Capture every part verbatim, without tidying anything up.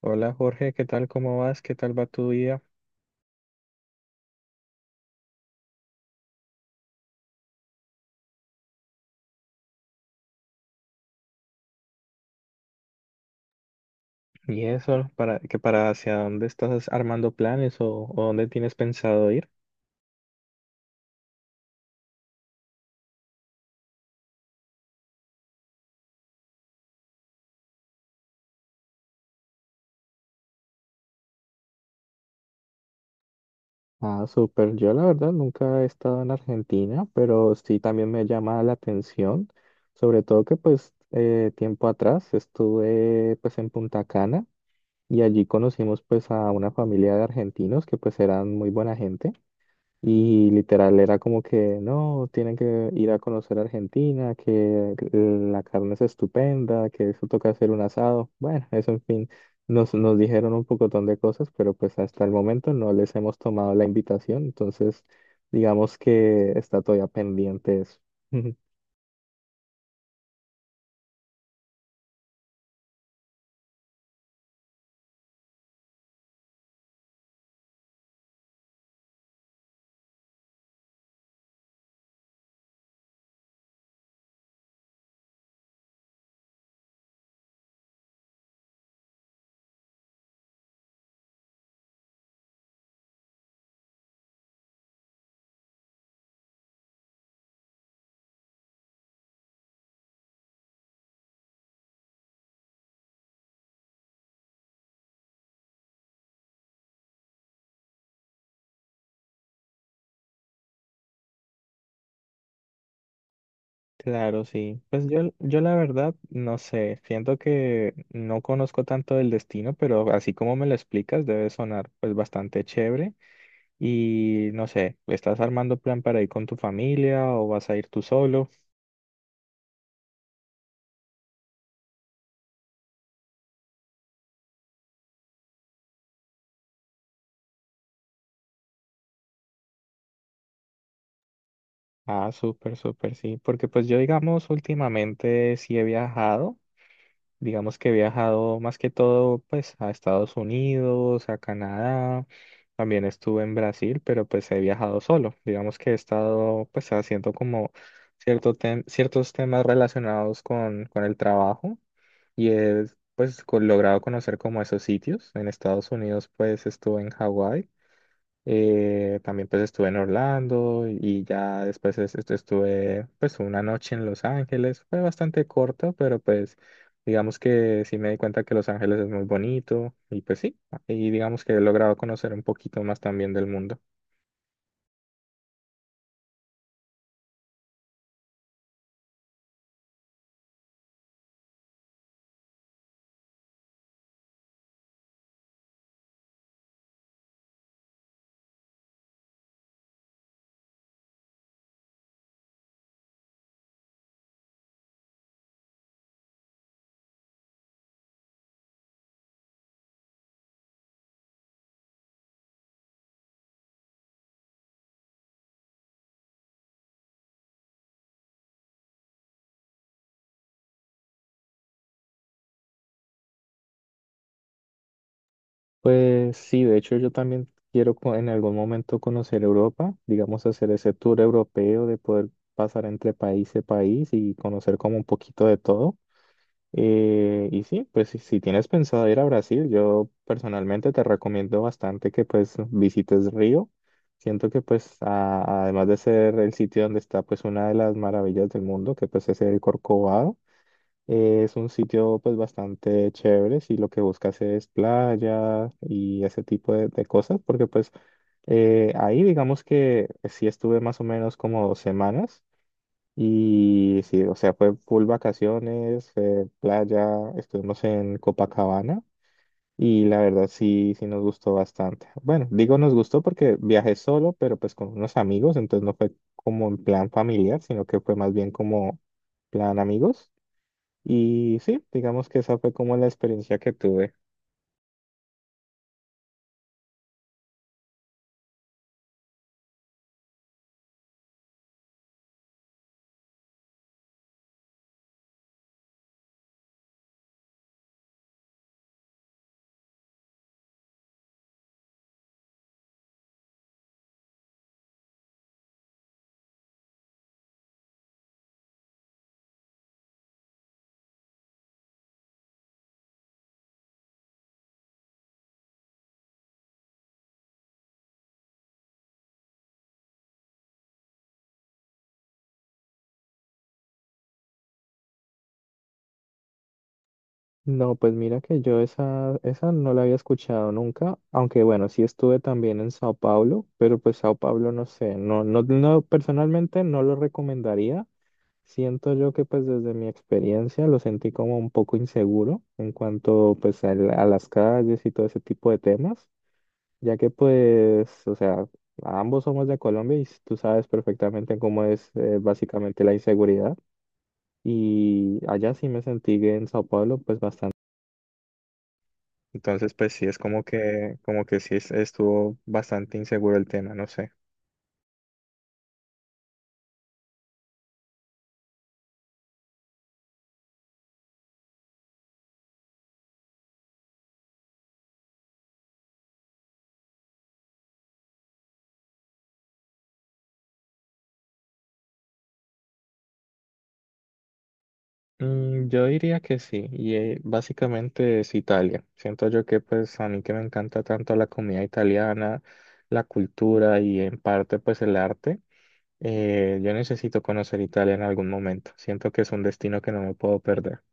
Hola Jorge, ¿qué tal? ¿Cómo vas? ¿Qué tal va tu día? Y eso, para que para hacia dónde estás armando planes o, o dónde tienes pensado ir? Ah, súper. Yo la verdad nunca he estado en Argentina, pero sí también me llama la atención, sobre todo que pues eh, tiempo atrás estuve pues en Punta Cana y allí conocimos pues a una familia de argentinos que pues eran muy buena gente. Y literal era como que no, tienen que ir a conocer Argentina, que la carne es estupenda, que eso toca hacer un asado. Bueno, eso en fin, nos, nos dijeron un pocotón de cosas, pero pues hasta el momento no les hemos tomado la invitación, entonces digamos que está todavía pendiente eso. Claro, sí. Pues yo, yo la verdad, no sé, siento que no conozco tanto del destino, pero así como me lo explicas, debe sonar pues bastante chévere. Y no sé, ¿estás armando plan para ir con tu familia o vas a ir tú solo? Ah, súper, súper, sí. Porque pues yo, digamos, últimamente sí he viajado. Digamos que he viajado más que todo, pues, a Estados Unidos, a Canadá. También estuve en Brasil, pero pues he viajado solo. Digamos que he estado, pues, haciendo como cierto tem- ciertos temas relacionados con, con el trabajo. Y he, pues, co- logrado conocer como esos sitios. En Estados Unidos, pues, estuve en Hawái. Eh, también pues estuve en Orlando y ya después es- est- estuve pues una noche en Los Ángeles. Fue bastante corto, pero pues digamos que sí me di cuenta que Los Ángeles es muy bonito y pues sí, y digamos que he logrado conocer un poquito más también del mundo. Pues sí, de hecho yo también quiero co- en algún momento conocer Europa, digamos hacer ese tour europeo de poder pasar entre país y país y conocer como un poquito de todo. Eh, y sí, pues si, si tienes pensado ir a Brasil, yo personalmente te recomiendo bastante que pues visites Río. Siento que pues a- además de ser el sitio donde está pues una de las maravillas del mundo, que pues es el Corcovado, eh, es un sitio pues bastante chévere si lo que buscas es playa y ese tipo de, de cosas, porque pues eh, ahí digamos que sí estuve más o menos como dos semanas. Y sí, o sea, fue full vacaciones, eh, playa, estuvimos en Copacabana y la verdad sí, sí nos gustó bastante. Bueno, digo nos gustó porque viajé solo, pero pues con unos amigos, entonces no fue como en plan familiar, sino que fue más bien como plan amigos. Y sí, digamos que esa fue como la experiencia que tuve. No, pues mira que yo esa, esa no la había escuchado nunca, aunque bueno, sí estuve también en Sao Paulo, pero pues Sao Paulo no sé, no, no, no, personalmente no lo recomendaría. Siento yo que pues desde mi experiencia lo sentí como un poco inseguro en cuanto pues a, la- a las calles y todo ese tipo de temas, ya que pues, o sea, ambos somos de Colombia y tú sabes perfectamente cómo es eh, básicamente la inseguridad. Y allá sí me sentí que en Sao Paulo pues bastante. Entonces, pues sí, es como que, como que sí es- estuvo bastante inseguro el tema, no sé. Mm, yo diría que sí, y eh, básicamente es Italia. Siento yo que pues a mí que me encanta tanto la comida italiana, la cultura y en parte pues el arte, eh, yo necesito conocer Italia en algún momento. Siento que es un destino que no me puedo perder.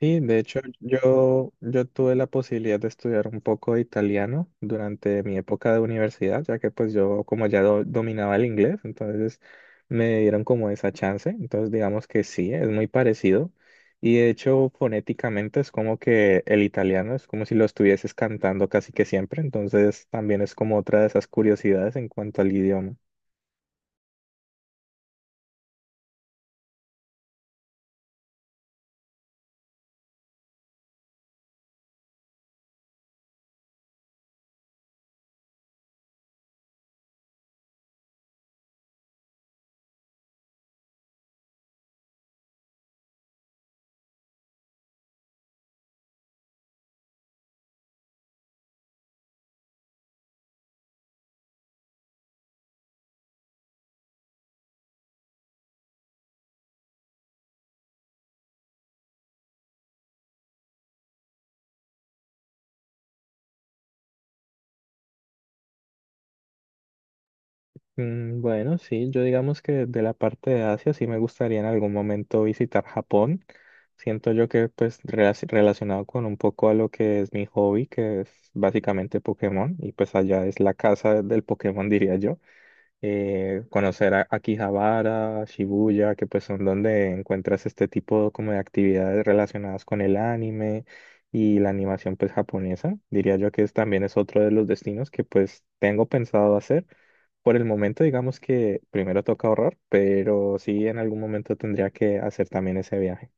Sí, de hecho, yo, yo tuve la posibilidad de estudiar un poco de italiano durante mi época de universidad, ya que pues yo como ya do- dominaba el inglés, entonces me dieron como esa chance. Entonces digamos que sí, es muy parecido. Y de hecho, fonéticamente es como que el italiano es como si lo estuvieses cantando casi que siempre, entonces también es como otra de esas curiosidades en cuanto al idioma. Mm, bueno, sí, yo digamos que de la parte de Asia sí me gustaría en algún momento visitar Japón. Siento yo que pues relaci- relacionado con un poco a lo que es mi hobby, que es básicamente Pokémon, y pues allá es la casa del Pokémon, diría yo. Eh, conocer a Akihabara, Shibuya, que pues son donde encuentras este tipo como de actividades relacionadas con el anime y la animación pues japonesa. Diría yo que es, también es otro de los destinos que pues tengo pensado hacer por el momento, digamos que primero toca ahorrar, pero sí en algún momento tendría que hacer también ese viaje.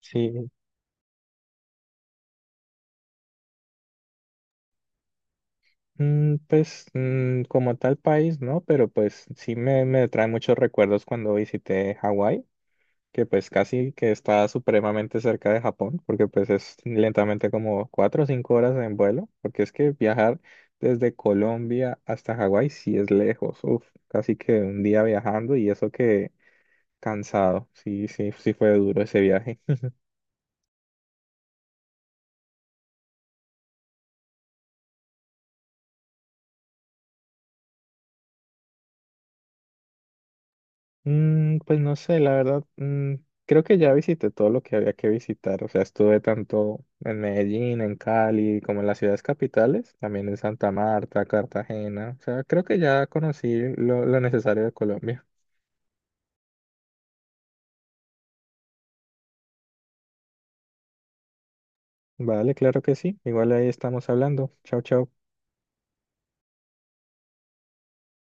Sí, mm, pues mm, como tal país, ¿no? Pero pues sí me, me trae muchos recuerdos cuando visité Hawái, que pues casi que está supremamente cerca de Japón, porque pues es lentamente como cuatro o cinco horas en vuelo, porque es que viajar desde Colombia hasta Hawái sí es lejos, uf, casi que un día viajando y eso que cansado, sí, sí, sí fue duro ese viaje. Mm, pues no sé, la verdad, mm, creo que ya visité todo lo que había que visitar, o sea, estuve tanto en Medellín, en Cali, como en las ciudades capitales, también en Santa Marta, Cartagena, o sea, creo que ya conocí lo, lo necesario de Colombia. Vale, claro que sí, igual ahí estamos hablando. Chao, chao.